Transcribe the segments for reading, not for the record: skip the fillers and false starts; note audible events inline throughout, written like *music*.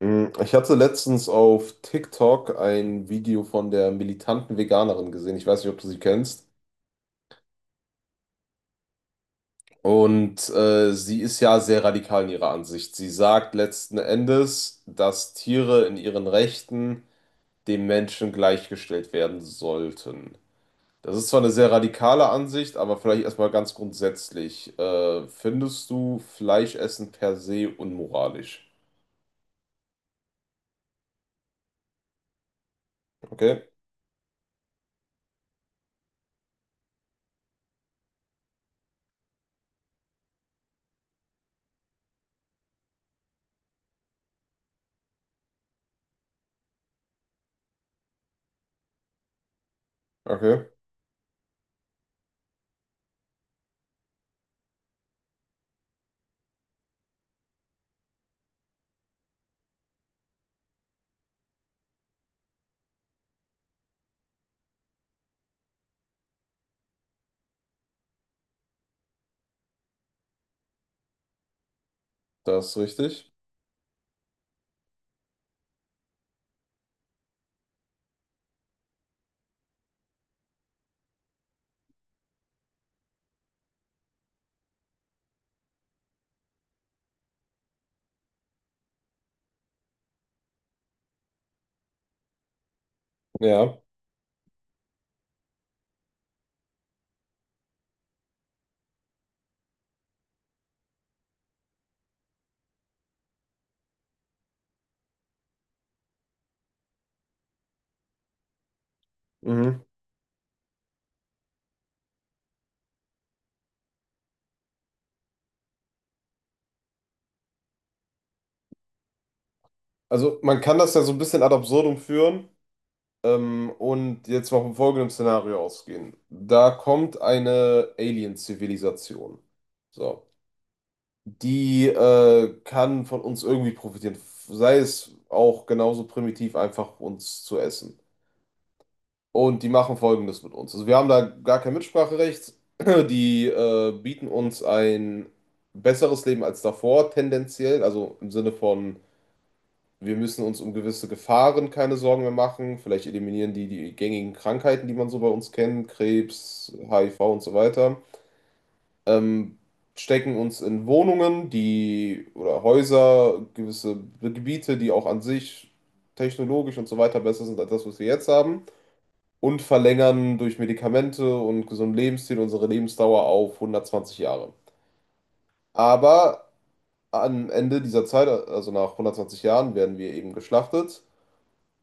Ich hatte letztens auf TikTok ein Video von der militanten Veganerin gesehen. Ich weiß nicht, ob du sie kennst. Und sie ist ja sehr radikal in ihrer Ansicht. Sie sagt letzten Endes, dass Tiere in ihren Rechten dem Menschen gleichgestellt werden sollten. Das ist zwar eine sehr radikale Ansicht, aber vielleicht erstmal ganz grundsätzlich. Findest du Fleischessen per se unmoralisch? Okay, okay, das ist richtig. Ja. Mhm. Also man kann das ja so ein bisschen ad absurdum führen und jetzt mal vom folgenden Szenario ausgehen. Da kommt eine Alien-Zivilisation. So. Die kann von uns irgendwie profitieren. Sei es auch genauso primitiv, einfach uns zu essen. Und die machen Folgendes mit uns. Also wir haben da gar kein Mitspracherecht. *clears throat* Die bieten uns ein besseres Leben als davor, tendenziell. Also im Sinne von, wir müssen uns um gewisse Gefahren keine Sorgen mehr machen. Vielleicht eliminieren die die gängigen Krankheiten, die man so bei uns kennt, Krebs, HIV und so weiter. Ähm, stecken uns in Wohnungen, die oder Häuser, gewisse Gebiete, die auch an sich technologisch und so weiter besser sind als das, was wir jetzt haben. Und verlängern durch Medikamente und gesunden Lebensstil unsere Lebensdauer auf 120 Jahre. Aber am Ende dieser Zeit, also nach 120 Jahren, werden wir eben geschlachtet.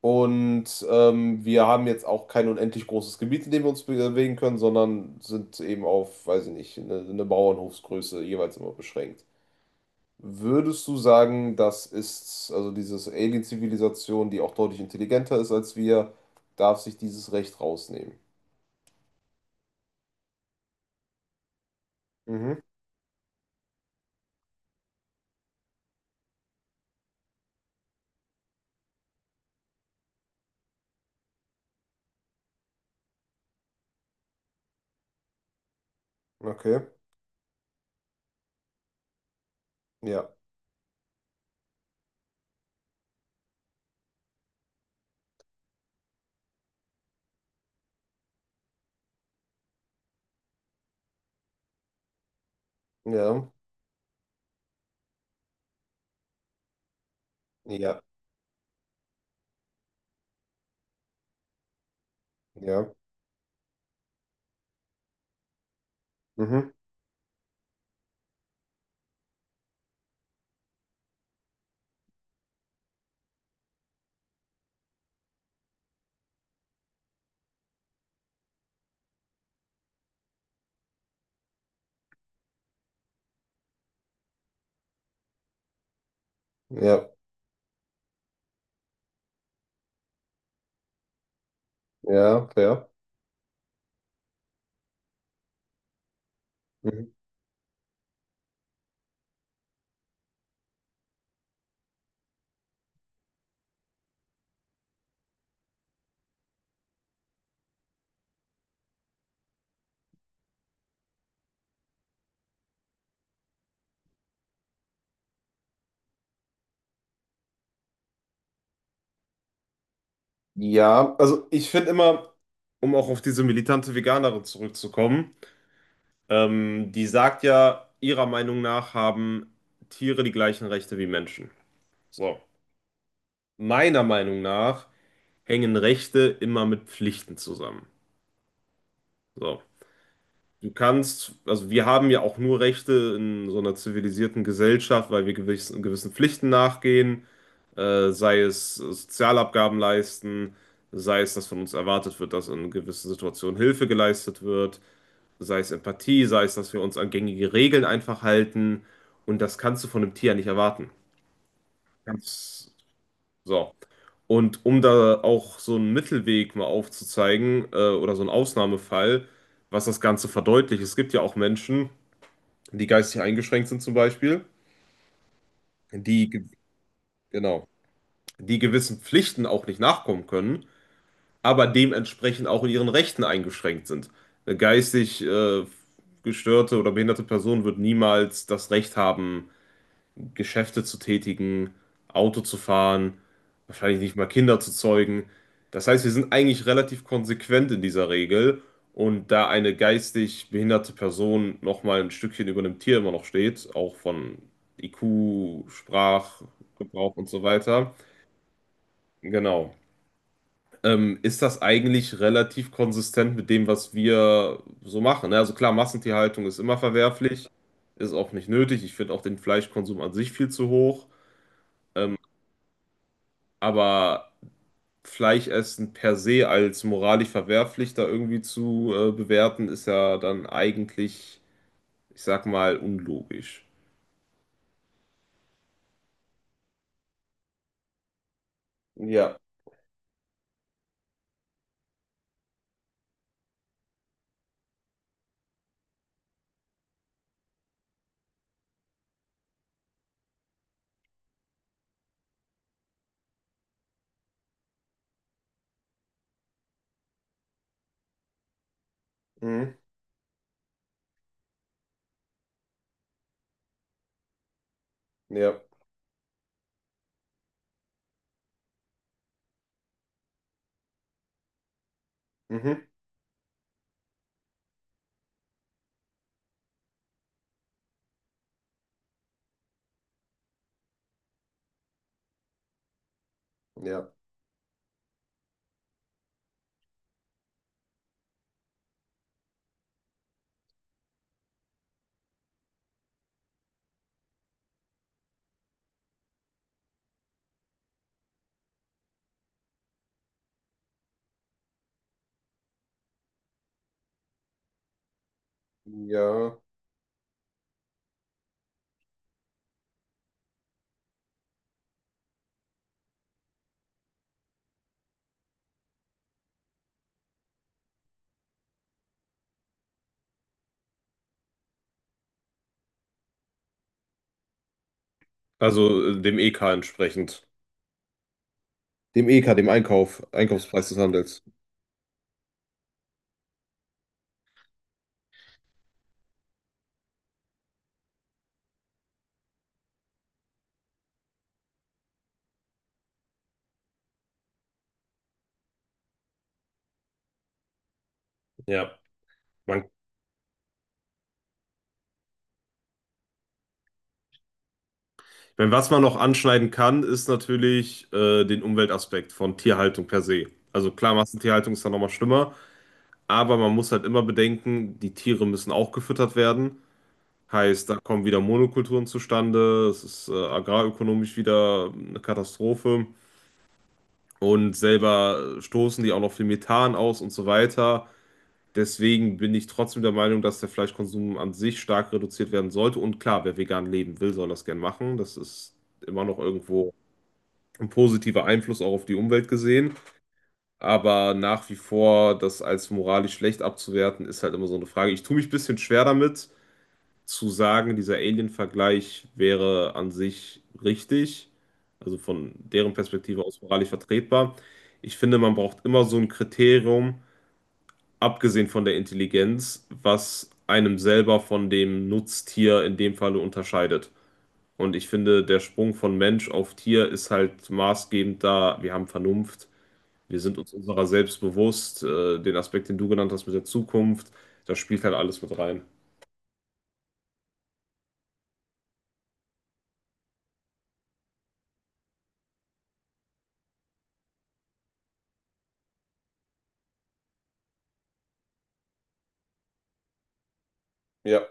Und wir haben jetzt auch kein unendlich großes Gebiet, in dem wir uns bewegen können, sondern sind eben auf, weiß ich nicht, eine Bauernhofsgröße jeweils immer beschränkt. Würdest du sagen, das ist, also diese Alien-Zivilisation, die auch deutlich intelligenter ist als wir, darf sich dieses Recht rausnehmen? Mhm, okay. Ja, ja, ja, ja, mhm, ja, ja, fair. Mhm. Ja, also ich finde immer, um auch auf diese militante Veganerin zurückzukommen, die sagt ja, ihrer Meinung nach haben Tiere die gleichen Rechte wie Menschen. So. Meiner Meinung nach hängen Rechte immer mit Pflichten zusammen. So. Du kannst, also wir haben ja auch nur Rechte in so einer zivilisierten Gesellschaft, weil wir gewissen Pflichten nachgehen, sei es Sozialabgaben leisten, sei es, dass von uns erwartet wird, dass in gewissen Situationen Hilfe geleistet wird, sei es Empathie, sei es, dass wir uns an gängige Regeln einfach halten. Und das kannst du von einem Tier ja nicht erwarten. Ganz so. Und um da auch so einen Mittelweg mal aufzuzeigen, oder so einen Ausnahmefall, was das Ganze verdeutlicht, es gibt ja auch Menschen, die geistig eingeschränkt sind zum Beispiel, die, ge- genau, die gewissen Pflichten auch nicht nachkommen können, aber dementsprechend auch in ihren Rechten eingeschränkt sind. Eine geistig gestörte oder behinderte Person wird niemals das Recht haben, Geschäfte zu tätigen, Auto zu fahren, wahrscheinlich nicht mal Kinder zu zeugen. Das heißt, wir sind eigentlich relativ konsequent in dieser Regel. Und da eine geistig behinderte Person nochmal ein Stückchen über einem Tier immer noch steht, auch von IQ, Sprachgebrauch und so weiter, genau, ist das eigentlich relativ konsistent mit dem, was wir so machen, ne? Also klar, Massentierhaltung ist immer verwerflich, ist auch nicht nötig. Ich finde auch den Fleischkonsum an sich viel zu hoch. Ähm, Aber Fleischessen per se als moralisch verwerflich da irgendwie zu bewerten, ist ja dann eigentlich, ich sag mal, unlogisch. Ja, mhm. Ja, mhm. Ja, ja. Also dem EK entsprechend. Dem EK, dem Einkauf, Einkaufspreis des Handels. Ja. Man, ich meine, was man noch anschneiden kann, ist natürlich den Umweltaspekt von Tierhaltung per se. Also klar, Massentierhaltung ist da nochmal schlimmer, aber man muss halt immer bedenken, die Tiere müssen auch gefüttert werden. Heißt, da kommen wieder Monokulturen zustande, es ist agrarökonomisch wieder eine Katastrophe und selber stoßen die auch noch viel Methan aus und so weiter. Deswegen bin ich trotzdem der Meinung, dass der Fleischkonsum an sich stark reduziert werden sollte. Und klar, wer vegan leben will, soll das gern machen. Das ist immer noch irgendwo ein positiver Einfluss auch auf die Umwelt gesehen. Aber nach wie vor das als moralisch schlecht abzuwerten, ist halt immer so eine Frage. Ich tue mich ein bisschen schwer damit zu sagen, dieser Alien-Vergleich wäre an sich richtig, also von deren Perspektive aus moralisch vertretbar. Ich finde, man braucht immer so ein Kriterium, abgesehen von der Intelligenz, was einem selber von dem Nutztier in dem Falle unterscheidet. Und ich finde, der Sprung von Mensch auf Tier ist halt maßgebend da. Wir haben Vernunft, wir sind uns unserer selbst bewusst, den Aspekt, den du genannt hast mit der Zukunft, das spielt halt alles mit rein. Ja.